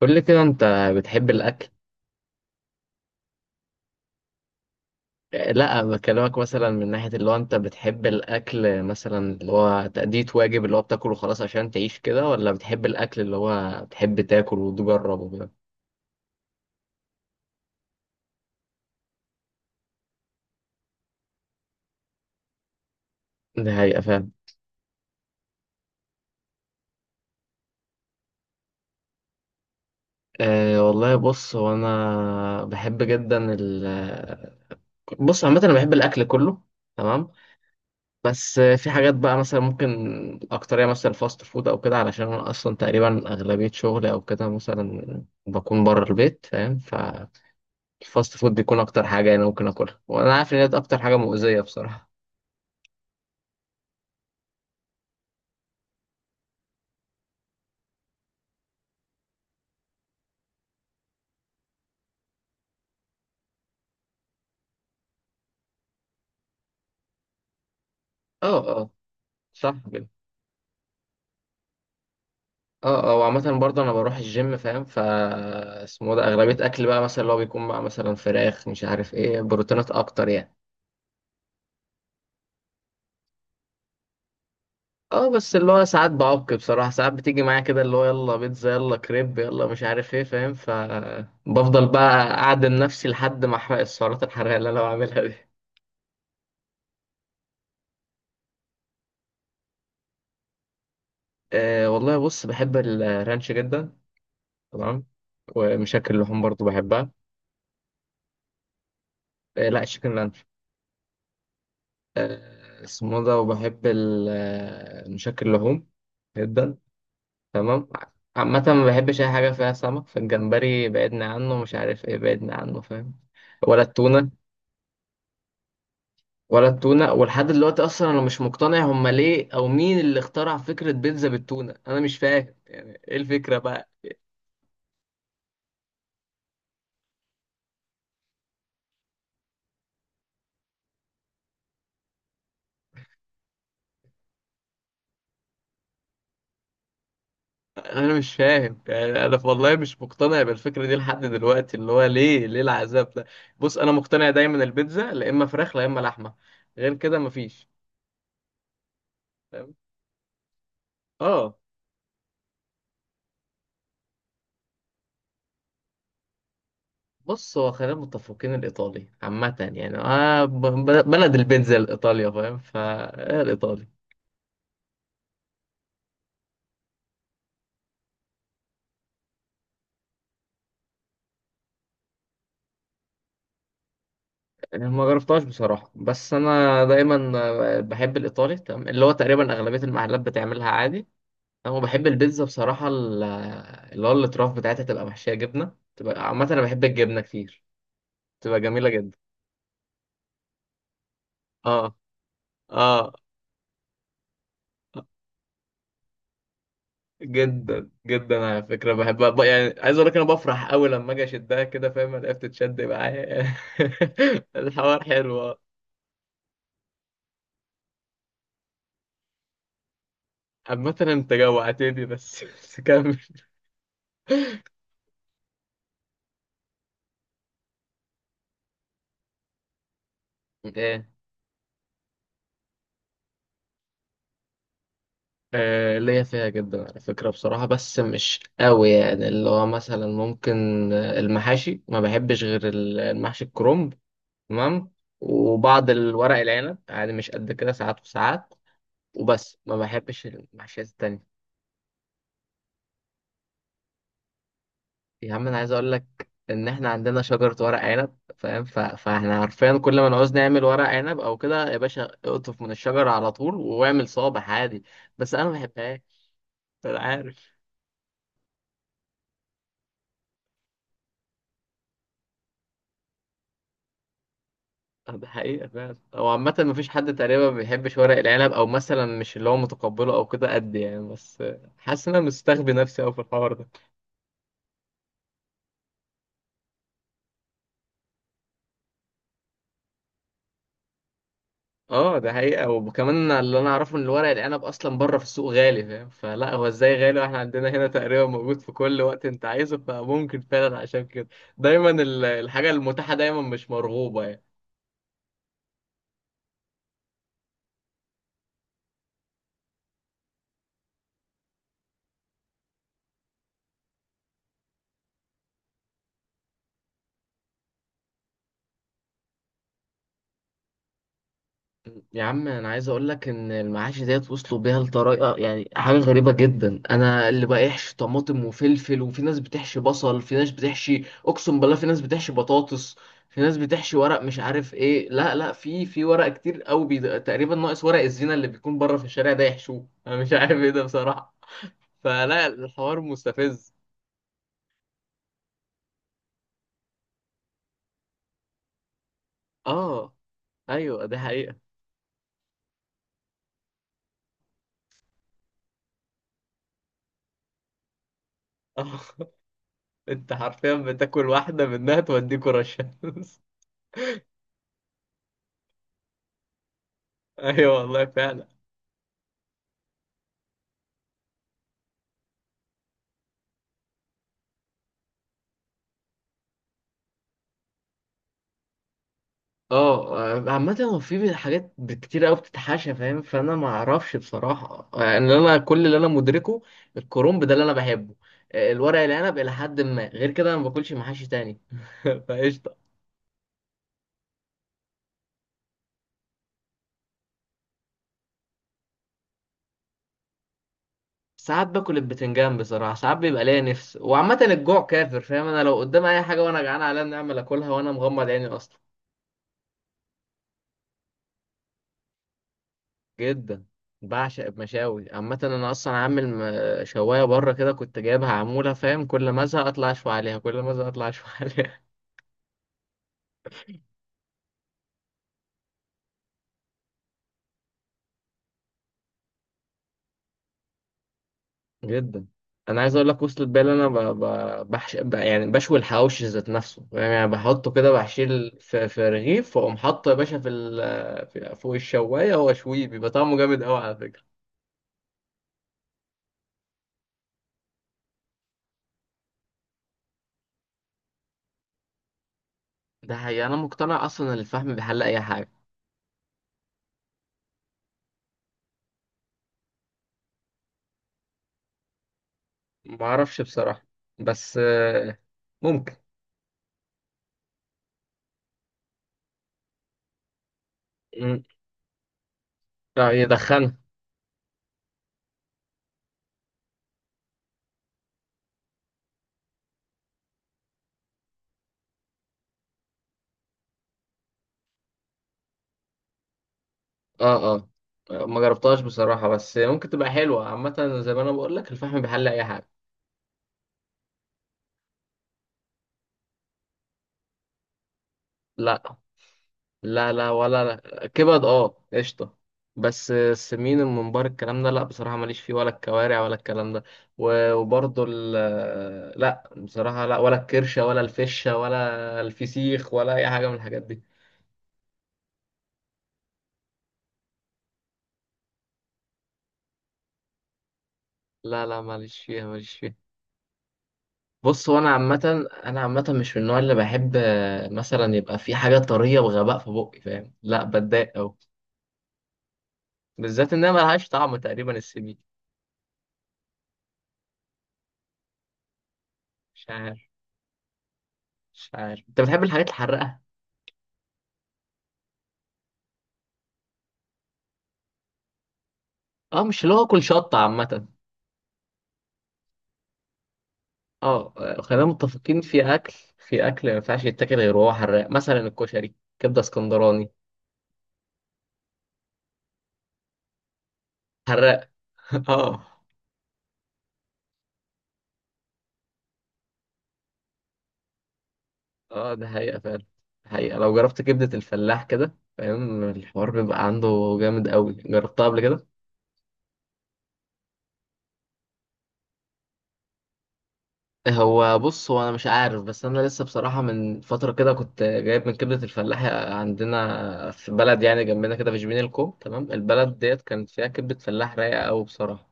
قول لي كده انت بتحب الاكل؟ لا بكلمك مثلا من ناحية اللي هو انت بتحب الاكل، مثلا اللي هو تأدية واجب، اللي هو بتاكله خلاص عشان تعيش كده، ولا بتحب الاكل اللي هو بتحب تاكل وتجربه كده؟ ده حقيقة، فاهم. أه والله، بص، هو انا بحب جدا ال عامة انا بحب الاكل كله، تمام. بس في حاجات بقى مثلا ممكن اكترية مثلا فاست فود او كده، علشان انا اصلا تقريبا اغلبية شغلي او كده مثلا بكون بره البيت، فاهم. ف الفاست فود بيكون اكتر حاجه انا ممكن اكلها، وانا عارف ان دي اكتر حاجه مؤذيه بصراحه. اه اه، صح كده. اه اه، وعامة برضه انا بروح الجيم، فاهم. ف اسمه ده اغلبية اكل بقى مثلا اللي هو بيكون مع مثلا فراخ، مش عارف ايه، بروتينات اكتر يعني. اه بس اللي هو ساعات بعك بصراحة، ساعات بتيجي معايا كده اللي هو يلا بيتزا يلا كريب يلا مش عارف ايه، فاهم. ف بفضل بقى اعدم نفسي لحد ما احرق السعرات الحرارية اللي انا بعملها دي. آه والله، بص، بحب الرانش جدا، تمام. ومشاكل اللحوم برضه بحبها. لا، الشيكن لانش. اسمه ده، وبحب مشكل اللحوم جدا، تمام. عامة ما بحبش أي حاجة فيها سمك، فالجمبري بعدنا عنه، مش عارف إيه بعدنا عنه، فاهم. ولا التونة. ولا التونة، ولحد دلوقتي أصلا أنا مش مقتنع هما ليه، أو مين اللي اخترع فكرة بيتزا بالتونة، أنا مش فاهم يعني إيه الفكرة بقى. انا مش فاهم يعني، انا والله مش مقتنع بالفكره دي لحد دلوقتي، اللي هو ليه، ليه العذاب ده. بص انا مقتنع دايما البيتزا لا اما فراخ لا اما لحمه، غير كده مفيش. فاهم. اه بص، هو خلينا متفقين الايطالي عامه يعني، آه بلد البيتزا الايطاليا، فاهم. فالايطالي ما جربتهاش بصراحه، بس انا دايما بحب الايطالي، تمام. اللي هو تقريبا اغلبيه المحلات بتعملها عادي. انا بحب البيتزا بصراحه اللي هو الاطراف بتاعتها تبقى محشيه جبنه، تبقى عامه انا بحب الجبنه كتير، تبقى جميله جدا. اه اه، جدا جدا على فكره بحبها. يعني عايز اقول لك انا بفرح قوي لما اجي اشدها كده، فاهم، الاقيها بتتشد معايا. الحوار حلو، آه. عامه انت جوعتني، بس بس كمل. ايه؟ آه، ليا فيها جدا على فكرة بصراحة، بس مش قوي يعني، اللي هو مثلا ممكن، المحاشي ما بحبش غير المحشي الكرنب، تمام. وبعض الورق العنب عادي، مش قد كده، ساعات وساعات. وبس، ما بحبش المحشيات التانية. يا عم انا عايز اقول لك ان احنا عندنا شجرة ورق عنب، فاهم. ف... فاحنا عارفين كل ما نعوز نعمل ورق عنب او كده، يا باشا اقطف من الشجرة على طول واعمل صابع عادي، بس انا ما بحبهاش. انا عارف. ده حقيقة فعلا، هو عامة مفيش حد تقريبا ما بيحبش ورق العنب، او مثلا مش اللي هو متقبله او كده قد يعني، بس حاسس ان انا مستخبي نفسي اوي في الحوار ده. اه ده حقيقة، وكمان اللي انا اعرفه ان الورق العنب اصلا بره في السوق غالي، فاهم. فلا هو ازاي غالي واحنا عندنا هنا تقريبا موجود في كل وقت انت عايزه، فممكن فعلا عشان كده دايما الحاجة المتاحة دايما مش مرغوبة. يا عم انا عايز اقول لك ان المعاش ديت وصلوا بيها لطريقه، يعني حاجه غريبه جدا. انا اللي بقيحش طماطم وفلفل، وفي ناس بتحشي بصل، في ناس بتحشي اقسم بالله، في ناس بتحشي بطاطس، في ناس بتحشي ورق مش عارف ايه، لا لا في ورق كتير قوي، بي... تقريبا ناقص ورق الزينه اللي بيكون بره في الشارع ده يحشوه، انا مش عارف ايه ده بصراحه، فلا الحوار مستفز. اه ايوه، ده حقيقه. آه. انت حرفيا بتاكل واحده منها توديك رشا. ايوه والله فعلا. اه، عامة هو في حاجات كتير قوي بتتحاشى، فاهم. فانا ما اعرفش بصراحة يعني، انا كل اللي انا مدركه الكرنب ده اللي انا بحبه، الورق العنب الى حد ما، غير كده انا ما باكلش محاشي تاني. فقشطة. ساعات باكل البتنجان بصراحة، ساعات بيبقى ليا نفس، وعامة الجوع كافر، فاهم، انا لو قدام اي حاجة وانا جعان عليا نعمل اكلها وانا مغمض عيني اصلا. جدا، بعشق المشاوي عامة. انا اصلا عامل شواية بره كده كنت جايبها عمولة، فاهم، كل ما ازهق اطلع اشوي عليها، كل ما ازهق اطلع اشوي عليها. جدا. انا عايز اقول لك وصلت بالي، انا ب... ب... بحش... ب... يعني بشوي الحواوشي ذات نفسه، فاهم؟ يعني بحطه كده بحشيل في رغيف واقوم حاطه يا باشا في، ال... في فوق الشوايه واشويه، بيبقى طعمه جامد قوي على فكره. ده حقيقي، انا مقتنع اصلا ان الفحم بيحل اي حاجه. ما اعرفش بصراحه، بس ممكن. مم. اه يدخنها. اه اه، ما جربتهاش بصراحه، بس ممكن تبقى حلوه. عامه زي ما انا بقول لك الفحم بيحل اي حاجه. لا. لا لا ولا لا. كبد اه قشطة. بس السمين الممبار الكلام ده لا، بصراحة ماليش فيه، ولا الكوارع ولا الكلام ده. وبرضه ال لا بصراحة لا، ولا الكرشة ولا الفشة ولا الفسيخ ولا أي حاجة من الحاجات دي. لا لا، ماليش فيها ماليش فيها. بص هو أنا عامة، أنا عامة مش من النوع اللي بحب مثلا يبقى في حاجة طرية بغباء في بقي، فاهم، لا بتضايق أوي، بالذات إنها ملهاش طعم تقريبا السمين. مش عارف. مش عارف. أنت بتحب الحاجات الحراقة؟ اه مش اللي هو اكل شطه عامه. اه، خلينا متفقين، في اكل، في اكل ما ينفعش يتاكل غير وهو حراق، مثلا الكشري، كبده اسكندراني. حراق. اه اه، ده حقيقه فعلا. حقيقه لو جربت كبده الفلاح كده، فاهم، الحوار بيبقى عنده جامد قوي. جربتها قبل كده؟ هو بص، هو انا مش عارف، بس انا لسه بصراحه من فتره كده كنت جايب من كبده الفلاح عندنا في بلد يعني جنبنا كده في جبين الكوم، تمام، البلد ديت كانت فيها كبده فلاح رايقه قوي بصراحه.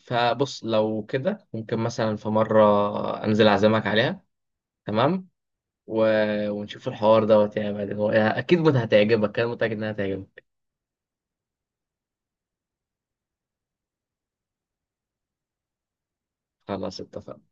فبص لو كده ممكن مثلا في مرة أنزل أعزمك عليها، تمام. و... ونشوف الحوار دوت يعني بعدين، هو أكيد هتعجبك، أنا متأكد إنها هتعجبك. خلاص اتفقنا.